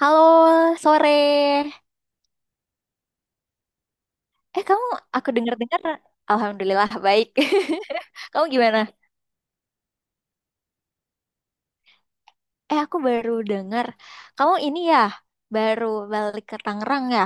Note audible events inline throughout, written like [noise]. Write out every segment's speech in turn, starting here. Halo, sore. Eh, kamu, aku dengar-dengar, alhamdulillah baik. [laughs] Kamu gimana? Eh, aku baru dengar, kamu ini ya, baru balik ke Tangerang ya.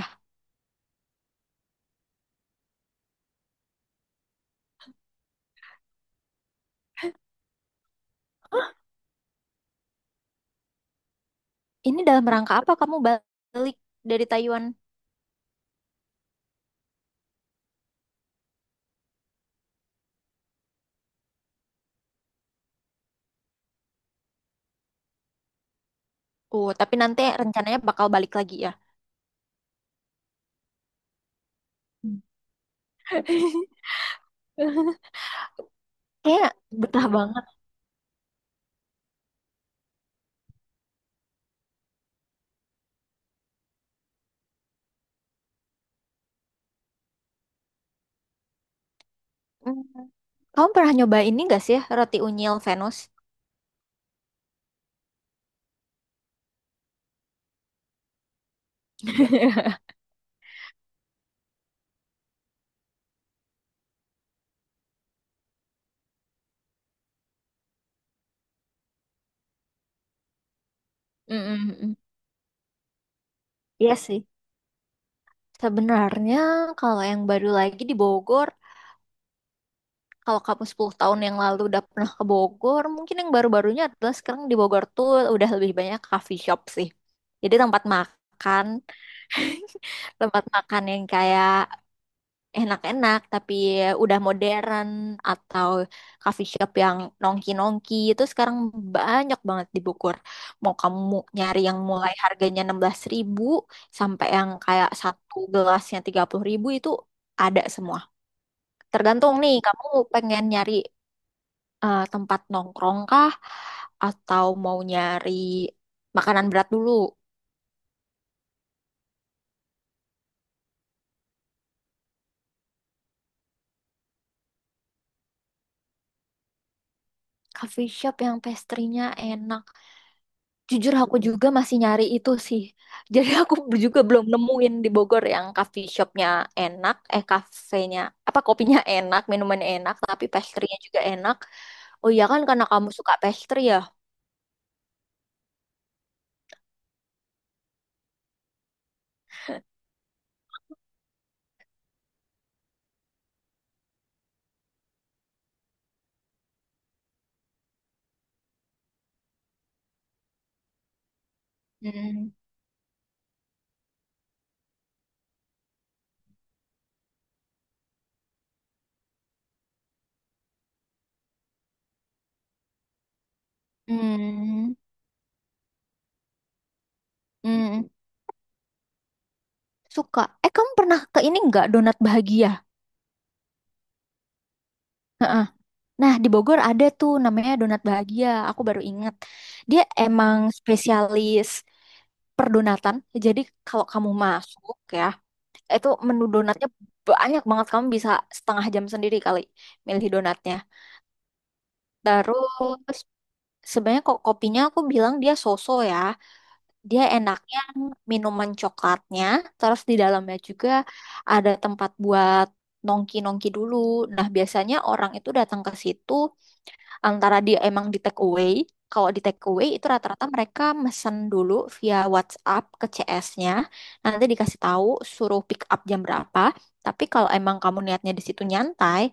Ini dalam rangka apa kamu balik dari Taiwan? Oh, tapi nanti rencananya bakal balik lagi ya. [laughs] Kayak betah banget. Mm. Kamu pernah nyoba ini gak sih, roti unyil Venus? [laughs] Mm-mm-mm. Iya sih. Sebenarnya kalau yang baru lagi di Bogor, kalau kamu 10 tahun yang lalu udah pernah ke Bogor, mungkin yang baru-barunya adalah sekarang di Bogor tuh udah lebih banyak coffee shop sih. Jadi tempat makan yang kayak enak-enak tapi udah modern atau coffee shop yang nongki-nongki itu sekarang banyak banget di Bogor. Mau kamu nyari yang mulai harganya 16 ribu sampai yang kayak satu gelasnya 30 ribu itu ada semua. Tergantung nih, kamu pengen nyari tempat nongkrong kah? Atau mau nyari makanan berat dulu? Coffee shop yang pastry-nya enak. Jujur aku juga masih nyari itu sih. Jadi aku [laughs] juga belum nemuin di Bogor yang coffee shopnya enak, eh kafenya, apa kopinya enak, minuman enak, tapi pastry-nya juga enak. Oh iya kan karena kamu suka pastry ya? Hmm. Hmm. Hmm. Suka. Eh kamu pernah ke ini nggak donat bahagia? Heeh. Nah, di Bogor ada tuh namanya Donat Bahagia. Aku baru ingat. Dia emang spesialis perdonatan. Jadi kalau kamu masuk ya, itu menu donatnya banyak banget. Kamu bisa setengah jam sendiri kali milih donatnya. Terus sebenarnya kok kopinya aku bilang dia soso ya. Dia enaknya minuman coklatnya. Terus di dalamnya juga ada tempat buat nongki-nongki dulu. Nah, biasanya orang itu datang ke situ antara dia emang di take away. Kalau di take away itu rata-rata mereka mesen dulu via WhatsApp ke CS-nya. Nanti dikasih tahu suruh pick up jam berapa. Tapi kalau emang kamu niatnya di situ nyantai,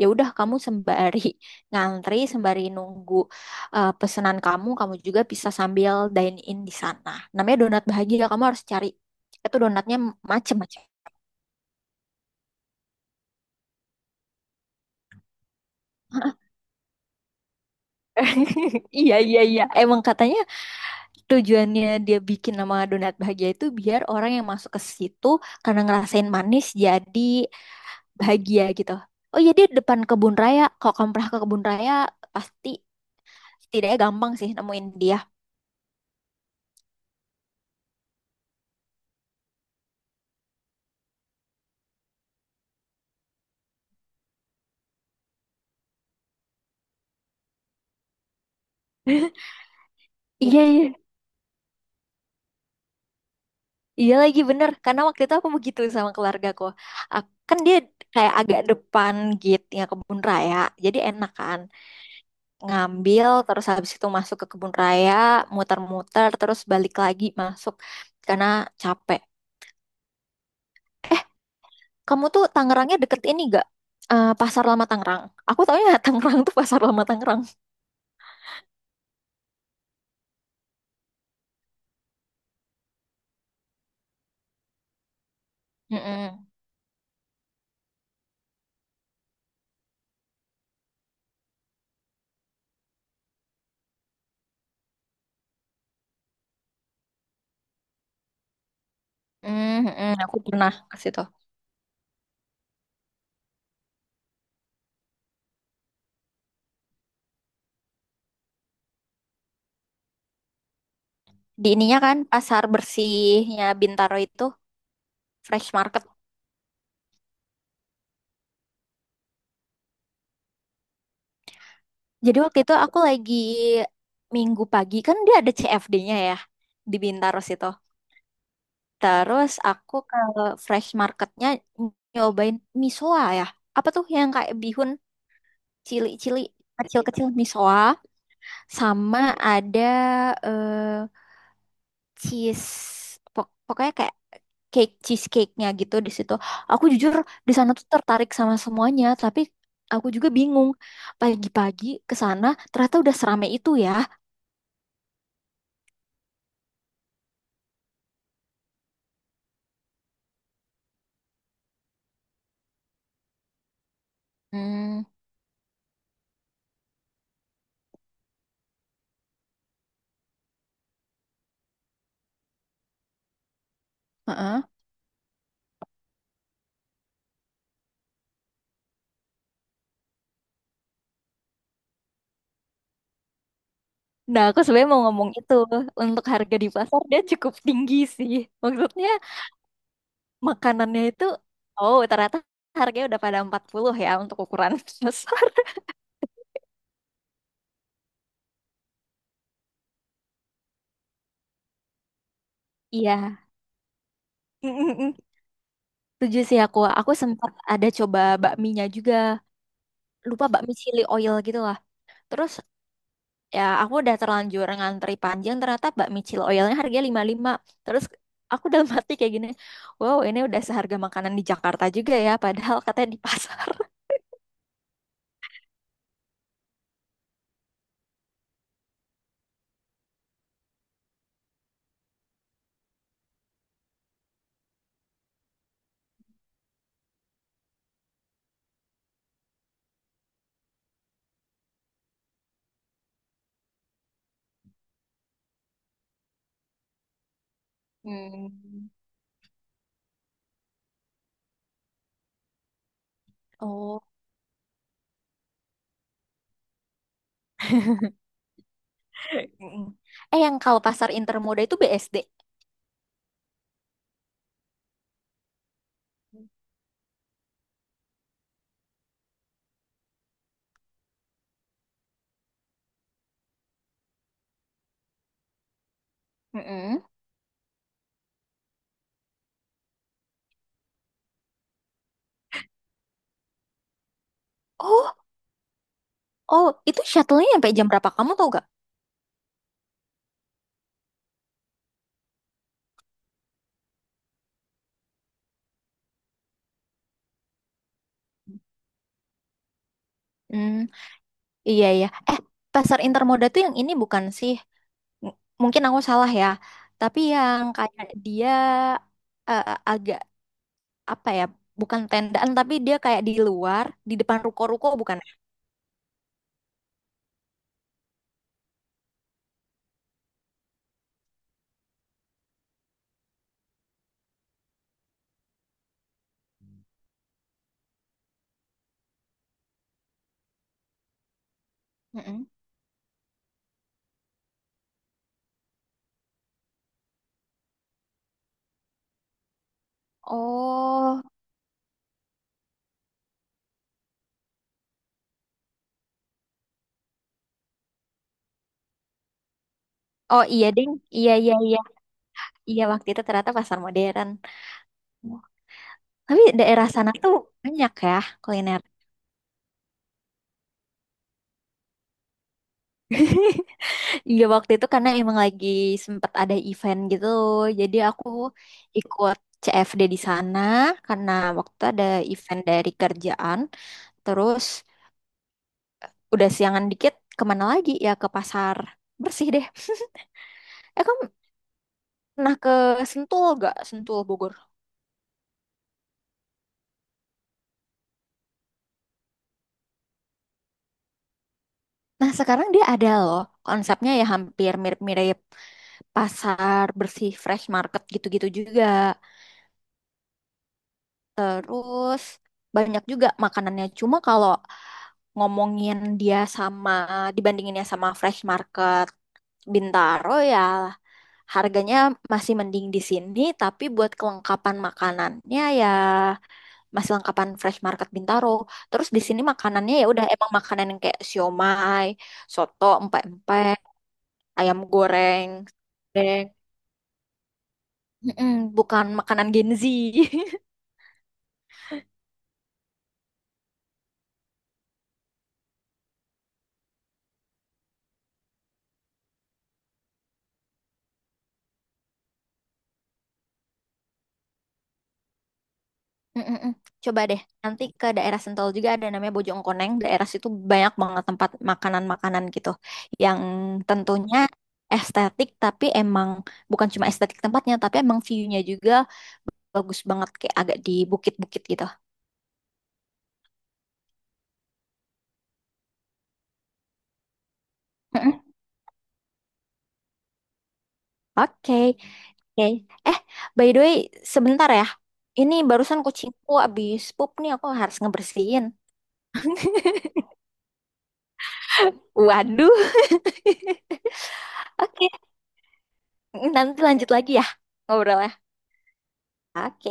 ya udah kamu sembari [laughs] ngantri, sembari nunggu pesanan kamu, kamu juga bisa sambil dine in di sana. Namanya donat bahagia, kamu harus cari. Itu donatnya macem-macem. [laughs] Iya, iya, iya. Emang katanya tujuannya dia bikin nama donat bahagia itu biar orang yang masuk ke situ karena ngerasain manis jadi bahagia gitu. Oh iya dia depan kebun raya. Kalau kamu pernah ke kebun raya pasti setidaknya gampang sih nemuin dia. Iya iya. Iya lagi bener karena waktu itu aku begitu sama keluargaku. Ak- Kan dia kayak agak depan gitu ya kebun raya. Jadi enak kan ngambil terus habis itu masuk ke kebun raya, muter-muter terus balik lagi masuk karena capek. Kamu tuh Tangerangnya deket ini gak? Eh, Pasar Lama Tangerang. Aku taunya [laughs] Tangerang tuh Pasar Lama Tangerang. Mm-mm. Mm-mm. Aku pernah ke situ. Di ininya kan pasar bersihnya Bintaro itu Fresh Market. Jadi waktu itu aku lagi minggu pagi kan dia ada CFD-nya ya di Bintaro situ. Terus aku ke Fresh Marketnya nyobain misoa ya. Apa tuh yang kayak bihun cili-cili kecil-kecil misoa sama ada eh, cheese pokoknya kayak cake cheesecake-nya gitu di situ. Aku jujur di sana tuh tertarik sama semuanya, tapi aku juga bingung pagi-pagi ke sana ternyata udah serame itu ya. Hmm, heeh. Nah, aku sebenarnya mau ngomong itu untuk harga di pasar dia cukup tinggi sih. Maksudnya makanannya itu oh ternyata harganya udah pada 40 ya untuk ukuran [laughs] besar. Iya. Mm, mm, mm. Setuju sih aku. Aku sempat ada coba bakminya juga. Lupa bakmi chili oil gitu lah. Terus ya aku udah terlanjur ngantri panjang ternyata bakmi chili oilnya harganya 55. Terus aku dalam hati kayak gini, wow ini udah seharga makanan di Jakarta juga ya padahal katanya di pasar. Hmm. Oh. [laughs] Mm-mm. Eh yang kalau pasar intermoda itu BSD. Mm-mm. Oh, oh itu shuttle-nya sampai jam berapa kamu tau gak? Hmm. Iya, ya, eh, pasar intermoda tuh yang ini bukan sih? M- Mungkin aku salah ya. Tapi yang kayak dia eh, agak apa ya? Bukan tendaan, tapi dia kayak di luar, di depan ruko-ruko bukan? Ya? Mm-mm. Oh, oh iya ding. Iya, iya, iya. Iya, waktu itu ternyata pasar modern. Tapi daerah sana tuh banyak ya kuliner. [laughs] Iya waktu itu karena emang lagi sempat ada event gitu, jadi aku ikut CFD di sana karena waktu itu ada event dari kerjaan. Terus udah siangan dikit kemana lagi ya ke pasar bersih deh. [laughs] Eh kamu pernah ke Sentul gak? Sentul Bogor. Nah sekarang dia ada loh konsepnya ya hampir mirip-mirip pasar bersih fresh market gitu-gitu juga. Terus banyak juga makanannya. Cuma kalau ngomongin dia sama dibandinginnya sama Fresh Market Bintaro ya harganya masih mending di sini, tapi buat kelengkapan makanannya ya masih lengkapan Fresh Market Bintaro. Terus di sini makanannya ya udah emang makanan yang kayak siomay, soto, empek-empek, ayam goreng, deng. Mm-mm, bukan makanan Gen Z. [laughs] Mm-mm-mm. Coba deh, nanti ke daerah Sentul juga ada namanya Bojongkoneng. Daerah situ banyak banget tempat makanan-makanan gitu. Yang tentunya estetik, tapi emang bukan cuma estetik tempatnya, tapi emang view-nya juga bagus banget. Kayak agak di bukit-bukit gitu. Mm-mm. Oke, oke. Eh, by the way, sebentar ya. Ini barusan kucingku abis pup nih, aku harus ngebersihin. Waduh. [laughs] Oke, nanti lanjut lagi ya ngobrolnya. Oke.